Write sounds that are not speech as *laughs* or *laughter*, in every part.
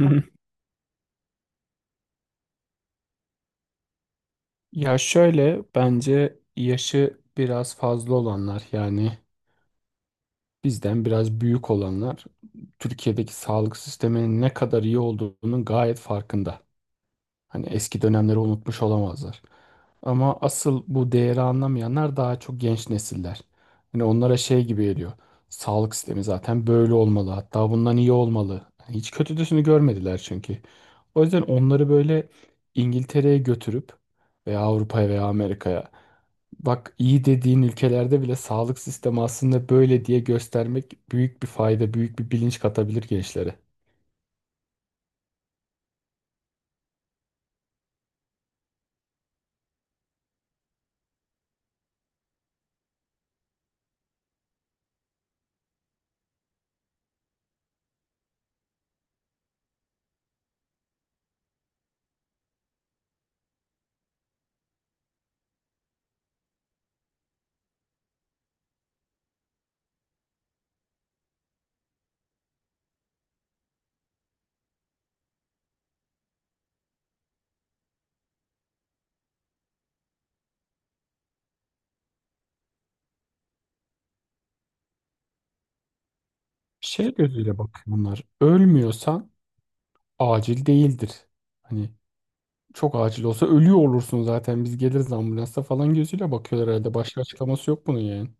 Hı hı. Ya şöyle bence yaşı biraz fazla olanlar bizden biraz büyük olanlar Türkiye'deki sağlık sisteminin ne kadar iyi olduğunun gayet farkında. Hani eski dönemleri unutmuş olamazlar. Ama asıl bu değeri anlamayanlar daha çok genç nesiller. Hani onlara şey gibi geliyor. Sağlık sistemi zaten böyle olmalı. Hatta bundan iyi olmalı. Hani hiç kötüsünü görmediler çünkü. O yüzden onları böyle İngiltere'ye götürüp veya Avrupa'ya veya Amerika'ya, bak, iyi dediğin ülkelerde bile sağlık sistemi aslında böyle diye göstermek büyük bir fayda, büyük bir bilinç katabilir gençlere. Şey gözüyle bak bunlar. Ölmüyorsan acil değildir. Hani çok acil olsa ölüyor olursun zaten, biz geliriz ambulansa falan gözüyle bakıyorlar herhalde. Başka açıklaması yok bunun yani.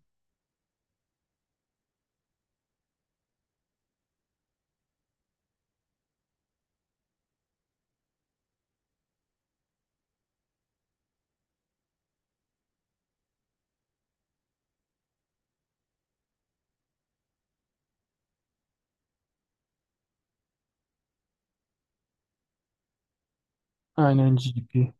Aynen GP.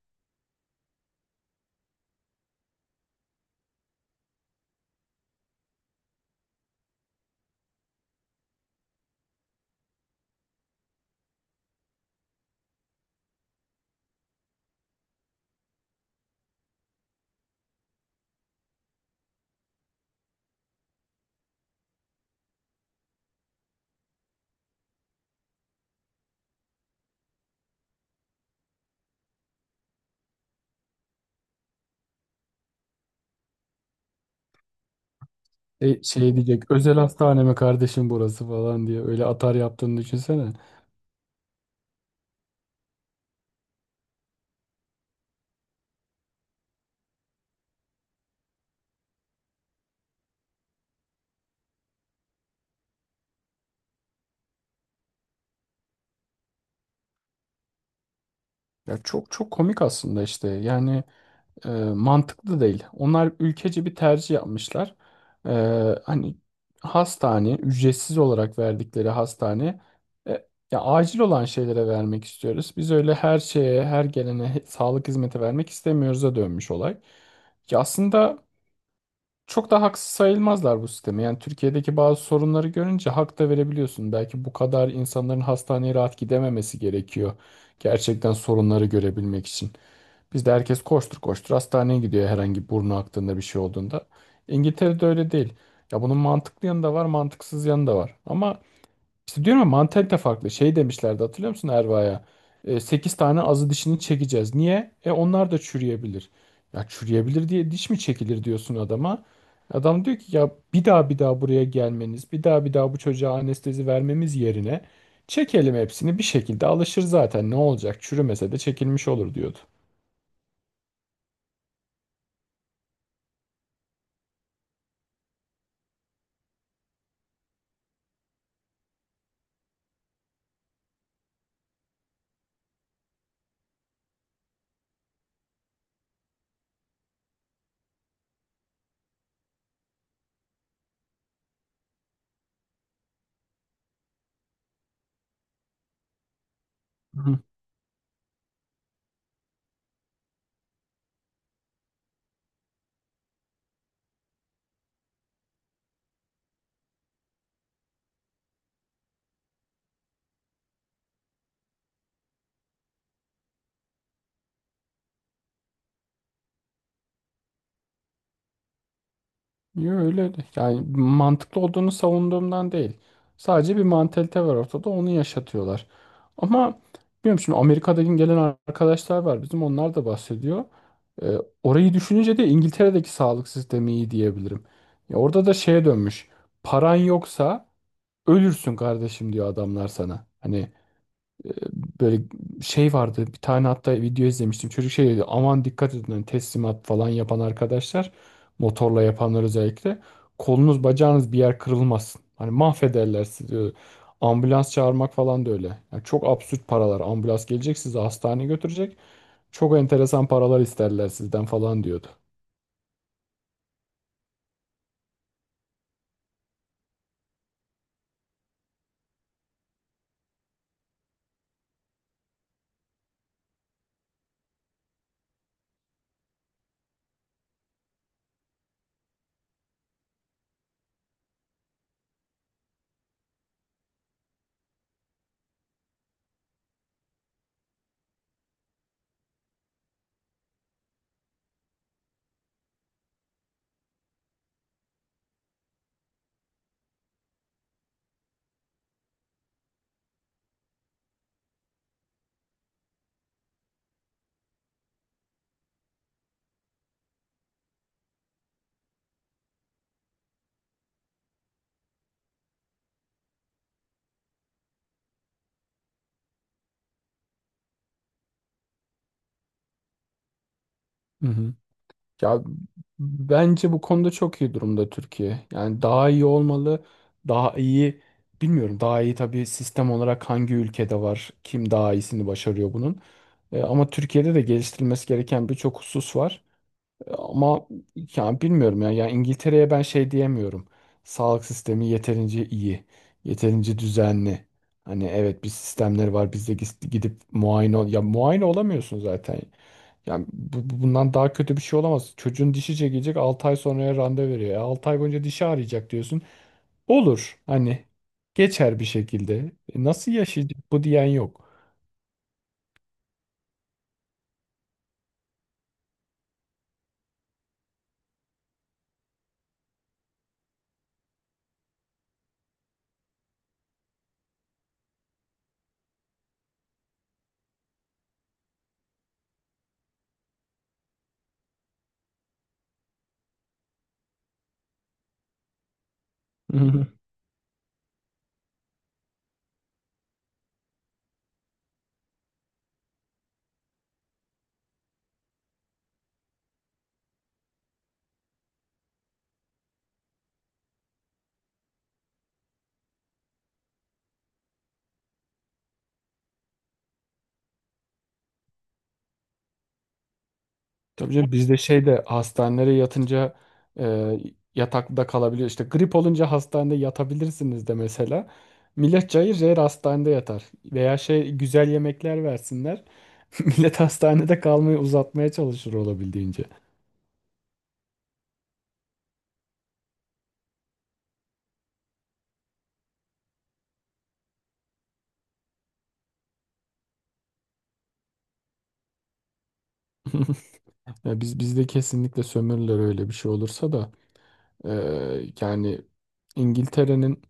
Şey diyecek özel hastaneme kardeşim burası falan diye, öyle atar yaptığını düşünsene. Ya çok çok komik aslında işte yani e, mantıklı değil. Onlar ülkece bir tercih yapmışlar. E, Hani hastane ücretsiz olarak verdikleri hastane, e, ya acil olan şeylere vermek istiyoruz. Biz öyle her şeye, her gelene sağlık hizmeti vermek istemiyoruz'a dönmüş olay. Ki aslında çok da haksız sayılmazlar bu sisteme. Yani Türkiye'deki bazı sorunları görünce hak da verebiliyorsun. Belki bu kadar insanların hastaneye rahat gidememesi gerekiyor. Gerçekten sorunları görebilmek için. Bizde herkes koştur koştur hastaneye gidiyor herhangi burnu aktığında, bir şey olduğunda. İngiltere'de öyle değil. Ya bunun mantıklı yanı da var, mantıksız yanı da var. Ama işte diyorum ya, mantalite farklı. Şey demişlerdi hatırlıyor musun Erva'ya? 8 tane azı dişini çekeceğiz. Niye? E onlar da çürüyebilir. Ya çürüyebilir diye diş mi çekilir diyorsun adama. Adam diyor ki ya, bir daha bir daha buraya gelmeniz, bir daha bir daha bu çocuğa anestezi vermemiz yerine çekelim hepsini, bir şekilde alışır zaten, ne olacak, çürümese de çekilmiş olur diyordu. Hı. Yo, yani mantıklı olduğunu savunduğumdan değil. Sadece bir mantalite var ortada, onu yaşatıyorlar. Ama bilmiyorum, şimdi Amerika'dan gelen arkadaşlar var bizim, onlar da bahsediyor. Ee, orayı düşününce de İngiltere'deki sağlık sistemi iyi diyebilirim. Ya orada da şeye dönmüş. Paran yoksa ölürsün kardeşim diyor adamlar sana. Hani e, böyle şey vardı bir tane, hatta video izlemiştim. Çocuk şey dedi, aman dikkat edin hani teslimat falan yapan arkadaşlar, motorla yapanlar özellikle, kolunuz bacağınız bir yer kırılmasın. Hani mahvederler sizi diyor. Ambulans çağırmak falan da öyle. Yani çok absürt paralar. Ambulans gelecek sizi hastaneye götürecek. Çok enteresan paralar isterler sizden falan diyordu. Hı hı. Ya bence bu konuda çok iyi durumda Türkiye. Yani daha iyi olmalı. Daha iyi, bilmiyorum. Daha iyi tabii sistem olarak hangi ülkede var? Kim daha iyisini başarıyor bunun? Ama Türkiye'de de geliştirilmesi gereken birçok husus var. Ama yani bilmiyorum ya. Yani İngiltere'ye ben şey diyemiyorum. Sağlık sistemi yeterince iyi, yeterince düzenli. Hani evet, bir sistemleri var. Biz de gidip muayene ol. Ya muayene olamıyorsun zaten. Yani bundan daha kötü bir şey olamaz. Çocuğun dişi çekecek 6 ay sonraya randevu veriyor. 6 ay boyunca dişi ağrıyacak diyorsun. Olur hani, geçer bir şekilde. Nasıl yaşayacak bu diyen yok. *laughs* Tabii canım, bizde şey de, hastanelere yatınca e, yatakta kalabiliyor. İşte grip olunca hastanede yatabilirsiniz de mesela. Millet cayır cayır hastanede yatar. Veya şey, güzel yemekler versinler. *laughs* Millet hastanede kalmayı uzatmaya çalışır olabildiğince. *laughs* Ya bizde kesinlikle sömürürler öyle bir şey olursa da. Yani İngiltere'nin,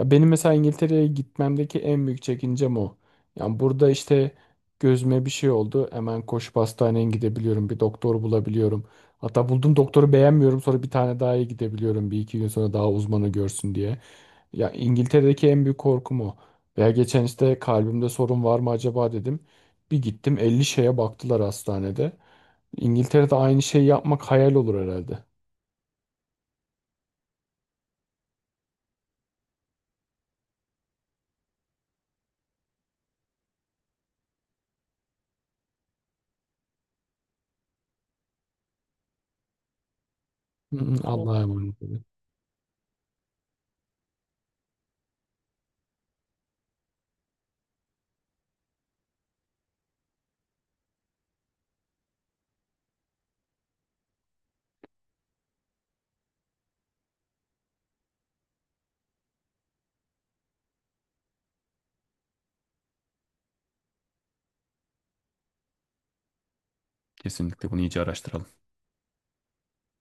ya benim mesela İngiltere'ye gitmemdeki en büyük çekincem o. Yani burada işte gözüme bir şey oldu. Hemen koşup hastaneye gidebiliyorum. Bir doktor bulabiliyorum. Hatta buldum, doktoru beğenmiyorum. Sonra bir tane daha iyi gidebiliyorum. Bir iki gün sonra daha uzmanı görsün diye. Ya İngiltere'deki en büyük korkum o. Veya geçen işte kalbimde sorun var mı acaba dedim. Bir gittim, 50 şeye baktılar hastanede. İngiltere'de aynı şeyi yapmak hayal olur herhalde. Hı hı, evet. Allah'a emanet. Kesinlikle bunu iyice araştıralım.